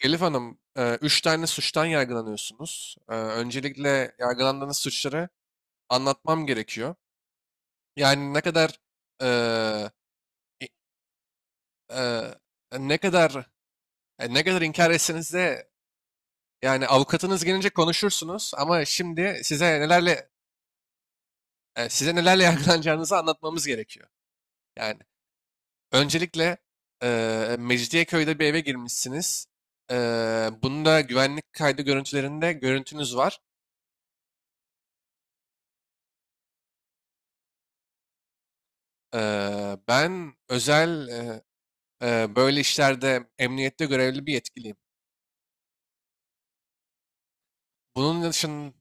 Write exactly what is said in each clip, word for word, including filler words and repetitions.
Elif Hanım, e, üç tane suçtan yargılanıyorsunuz. E, Öncelikle yargılandığınız suçları anlatmam gerekiyor. Yani ne kadar e, i- e, ne kadar e, ne kadar inkar etseniz de yani avukatınız gelince konuşursunuz ama şimdi size nelerle e, size nelerle yargılanacağınızı anlatmamız gerekiyor. Yani öncelikle e, Mecidiyeköy'de bir eve girmişsiniz. E, Bunda güvenlik kaydı görüntülerinde görüntünüz var. Eee, ben özel eee, eee, böyle işlerde emniyette görevli bir yetkiliyim. Bunun için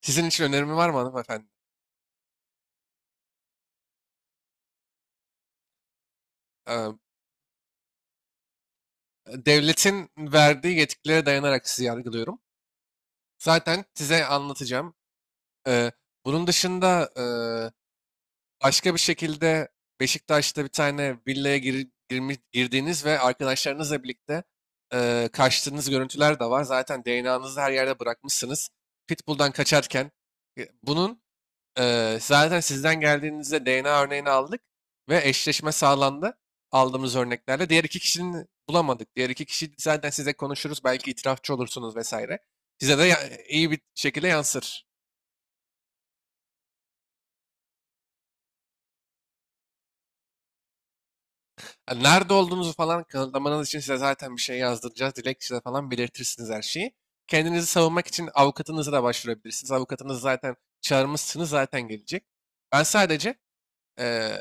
sizin için önerimi var mı hanımefendi? Eee, Devletin verdiği yetkilere dayanarak sizi yargılıyorum. Zaten size anlatacağım. Eee, Bunun dışında eee, başka bir şekilde Beşiktaş'ta bir tane villaya gir- girmiş- girdiğiniz ve arkadaşlarınızla birlikte eee, kaçtığınız görüntüler de var. Zaten D N A'nızı her yerde bırakmışsınız. Pitbull'dan kaçarken. E, Bunun Ee, zaten sizden geldiğinizde D N A örneğini aldık ve eşleşme sağlandı aldığımız örneklerle. Diğer iki kişinin bulamadık. Diğer iki kişi zaten size konuşuruz. Belki itirafçı olursunuz vesaire. Size de ya- iyi bir şekilde yansır. Yani nerede olduğunuzu falan kanıtlamanız için size zaten bir şey yazdıracağız. Dilekçede falan belirtirsiniz her şeyi. Kendinizi savunmak için avukatınızı da başvurabilirsiniz. Avukatınızı zaten çağırmışsınız zaten gelecek. Ben sadece eee,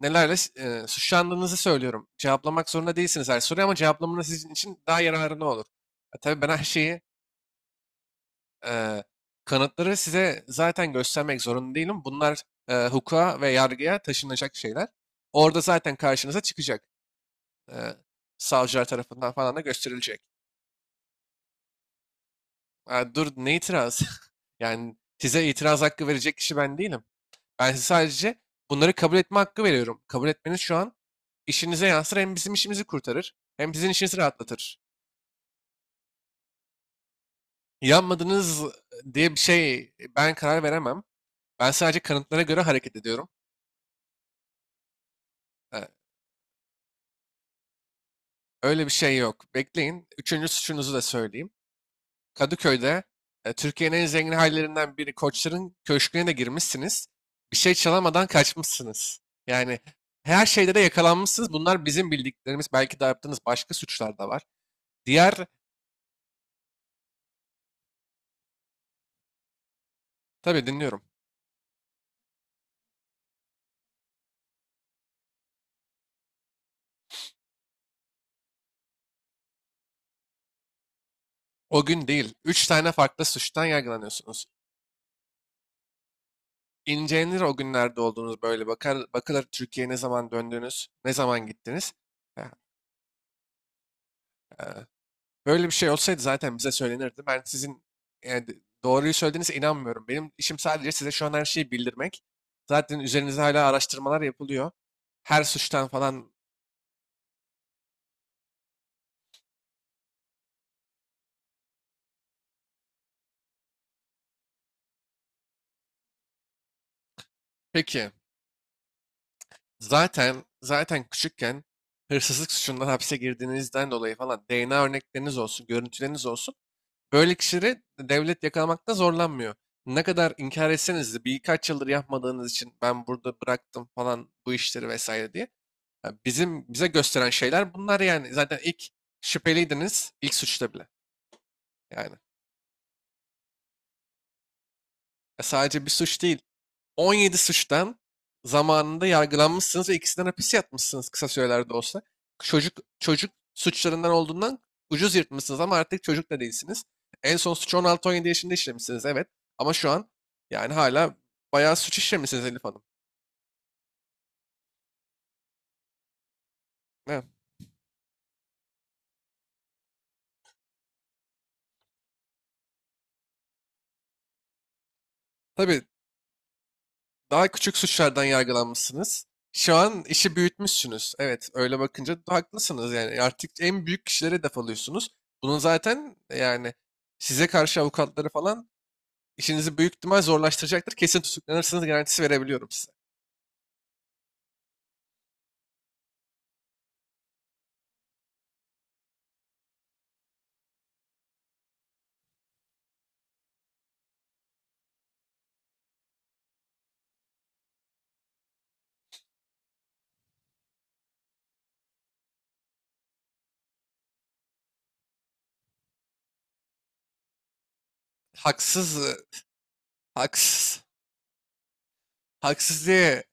nelerle eee, suçlandığınızı söylüyorum. Cevaplamak zorunda değilsiniz her soruyu ama cevaplamanız sizin için daha yararlı olur. E, tabii ben her şeyi eee, kanıtları size zaten göstermek zorunda değilim. Bunlar eee, hukuka ve yargıya taşınacak şeyler. Orada zaten karşınıza çıkacak. Eee, Savcılar tarafından falan da gösterilecek. Ha, dur ne itiraz? Yani size itiraz hakkı verecek kişi ben değilim. Ben size sadece bunları kabul etme hakkı veriyorum. Kabul etmeniz şu an işinize yansır, hem bizim işimizi kurtarır hem sizin işinizi rahatlatır. Yanmadınız diye bir şey ben karar veremem. Ben sadece kanıtlara göre hareket ediyorum. Ee, Öyle bir şey yok. Bekleyin. Üçüncü suçunuzu da söyleyeyim. Kadıköy'de e, Türkiye'nin en zengin hallerinden biri Koçların Köşkü'ne de girmişsiniz. Bir şey çalamadan kaçmışsınız. Yani her şeyde de yakalanmışsınız. Bunlar bizim bildiklerimiz. Belki de yaptığınız başka suçlar da var. Diğer Tabii dinliyorum. O gün değil. Üç tane farklı suçtan yargılanıyorsunuz. İncelenir o günlerde olduğunuz böyle. Bakar, bakılır Türkiye'ye ne zaman döndünüz, ne zaman gittiniz. Ya, e, Böyle bir şey olsaydı zaten bize söylenirdi. Ben sizin e, d- doğruyu söylediğinize inanmıyorum. Benim işim sadece size şu an her şeyi bildirmek. Zaten üzerinizde hala araştırmalar yapılıyor. Her suçtan falan. Peki, zaten zaten küçükken hırsızlık suçundan hapse girdiğinizden dolayı falan D N A örnekleriniz olsun, görüntüleriniz olsun. Böyle kişileri devlet yakalamakta zorlanmıyor. Ne kadar inkar etseniz de birkaç yıldır yapmadığınız için ben burada bıraktım falan bu işleri vesaire diye. Ya bizim bize gösteren şeyler bunlar yani. Zaten ilk şüpheliydiniz ilk suçta bile yani. Ya sadece bir suç değil. on yedi suçtan zamanında yargılanmışsınız ve ikisinden hapis yatmışsınız kısa sürelerde olsa. Çocuk çocuk suçlarından olduğundan ucuz yırtmışsınız ama artık çocuk da değilsiniz. En son suçu on altı on yedi yaşında işlemişsiniz, evet. Ama şu an yani hala bayağı suç işlemişsiniz Elif Hanım. Evet. Tabii daha küçük suçlardan yargılanmışsınız. Şu an işi büyütmüşsünüz. Evet öyle bakınca haklısınız yani. Artık en büyük kişilere hedef alıyorsunuz. Bunun zaten yani size karşı avukatları falan işinizi büyük ihtimal zorlaştıracaktır. Kesin tutuklanırsınız garantisi verebiliyorum size. Haksız, e, haksız, Haksız diye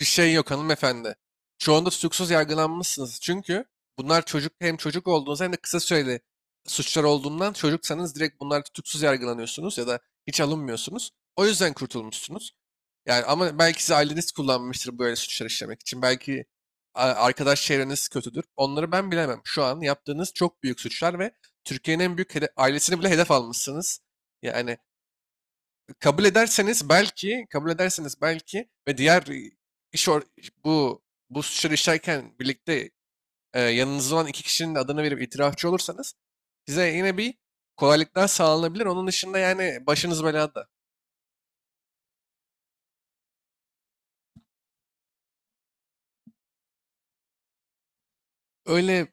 bir şey yok hanımefendi. Çoğunda tutuksuz yargılanmışsınız. Çünkü bunlar çocuk, hem çocuk olduğunuz hem de kısa süreli suçlar olduğundan, çocuksanız direkt bunlar tutuksuz yargılanıyorsunuz ya da hiç alınmıyorsunuz. O yüzden kurtulmuşsunuz. Yani ama belki siz aileniz kullanmıştır böyle suçlar işlemek için. Belki a- arkadaş çevreniz kötüdür. Onları ben bilemem. Şu an yaptığınız çok büyük suçlar ve Türkiye'nin en büyük hede- ailesini bile hedef almışsınız. Yani kabul ederseniz belki, kabul ederseniz belki ve diğer e, iş or- bu bu suçları işlerken birlikte e, yanınızda olan iki kişinin de adını verip itirafçı olursanız size yine bir kolaylıklar sağlanabilir. Onun dışında yani başınız belada. Öyle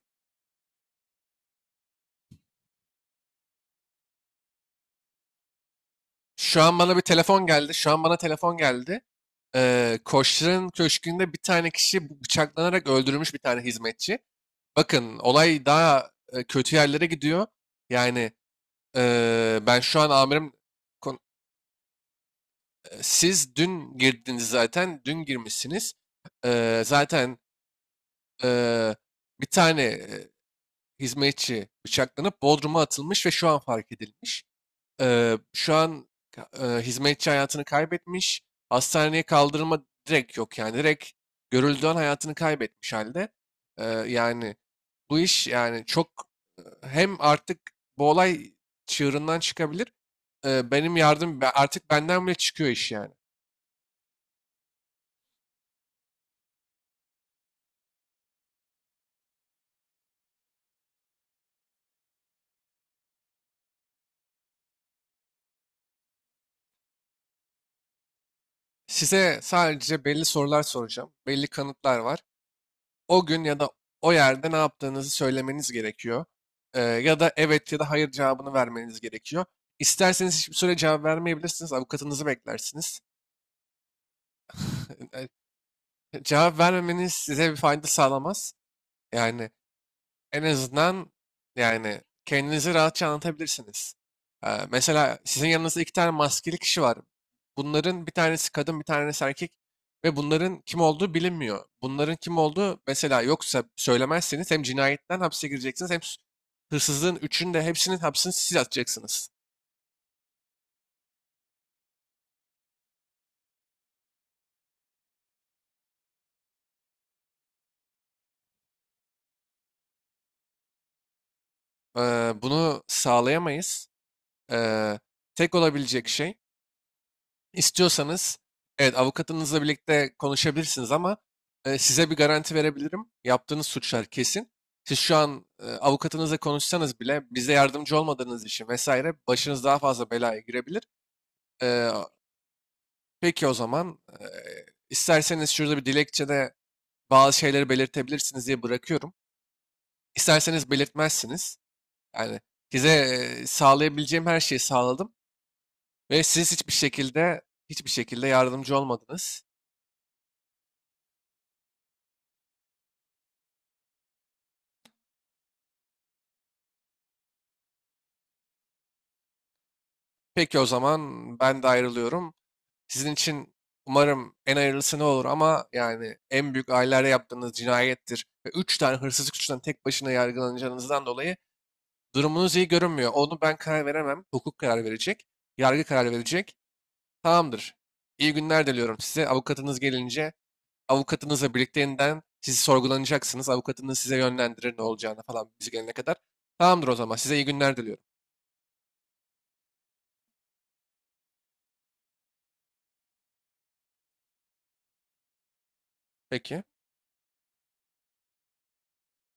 şu an bana bir telefon geldi. Şu an bana telefon geldi. Ee, Koçların köşkünde bir tane kişi bu- bıçaklanarak öldürülmüş bir tane hizmetçi. Bakın olay daha e, kötü yerlere gidiyor. Yani e, ben şu an amirim kon- e, siz dün girdiniz zaten dün girmişsiniz. Ee, zaten e, bir tane e, hizmetçi bıçaklanıp Bodrum'a atılmış ve şu an fark edilmiş. Eee, şu an ka- hizmetçi hayatını kaybetmiş. Hastaneye kaldırma direkt yok yani. Direkt görüldüğü an hayatını kaybetmiş halde. Eee, yani bu iş yani çok e, hem artık bu olay çığırından çıkabilir, e, benim yardım be- artık benden bile çıkıyor iş yani. Size sadece belli sorular soracağım. Belli kanıtlar var. O gün ya da o yerde ne yaptığınızı söylemeniz gerekiyor. Ee, ya da evet ya da hayır cevabını vermeniz gerekiyor. İsterseniz hiçbir süre cevap vermeyebilirsiniz. Avukatınızı beklersiniz. Cevap vermemeniz size bir fayda sağlamaz. Yani en azından yani kendinizi rahatça anlatabilirsiniz. Ee, mesela sizin yanınızda iki tane maskeli kişi var. Bunların bir tanesi kadın, bir tanesi erkek ve bunların kim olduğu bilinmiyor. Bunların kim olduğu mesela yoksa söylemezseniz hem cinayetten hapse gireceksiniz hem s- hırsızlığın üçünü de hepsinin hapsini siz atacaksınız. Ee, bunu sağlayamayız. Ee, Tek olabilecek şey. İstiyorsanız evet avukatınızla birlikte konuşabilirsiniz ama e, size bir garanti verebilirim. Yaptığınız suçlar kesin. Siz şu an e, avukatınızla konuşsanız bile bize yardımcı olmadığınız için vesaire başınız daha fazla belaya girebilir. E, peki o zaman e, isterseniz şurada bir dilekçede bazı şeyleri belirtebilirsiniz diye bırakıyorum. İsterseniz belirtmezsiniz. Yani size e, sağlayabileceğim her şeyi sağladım ve siz hiçbir şekilde hiçbir şekilde yardımcı olmadınız. Peki o zaman ben de ayrılıyorum. Sizin için umarım en hayırlısı ne olur ama yani en büyük ailelerde yaptığınız cinayettir. Ve üç tane hırsızlık suçundan tek başına yargılanacağınızdan dolayı durumunuz iyi görünmüyor. Onu ben karar veremem. Hukuk karar verecek. Yargı karar verecek. Tamamdır. İyi günler diliyorum size. Avukatınız gelince avukatınızla birlikte yeniden siz sorgulanacaksınız. Avukatınız size yönlendirir ne olacağını falan biz gelene kadar. Tamamdır o zaman. Size iyi günler diliyorum. Peki.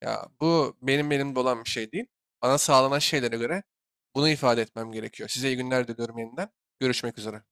Ya bu benim elimde olan bir şey değil. Bana sağlanan şeylere göre bunu ifade etmem gerekiyor. Size iyi günler diliyorum yeniden. Görüşmek üzere.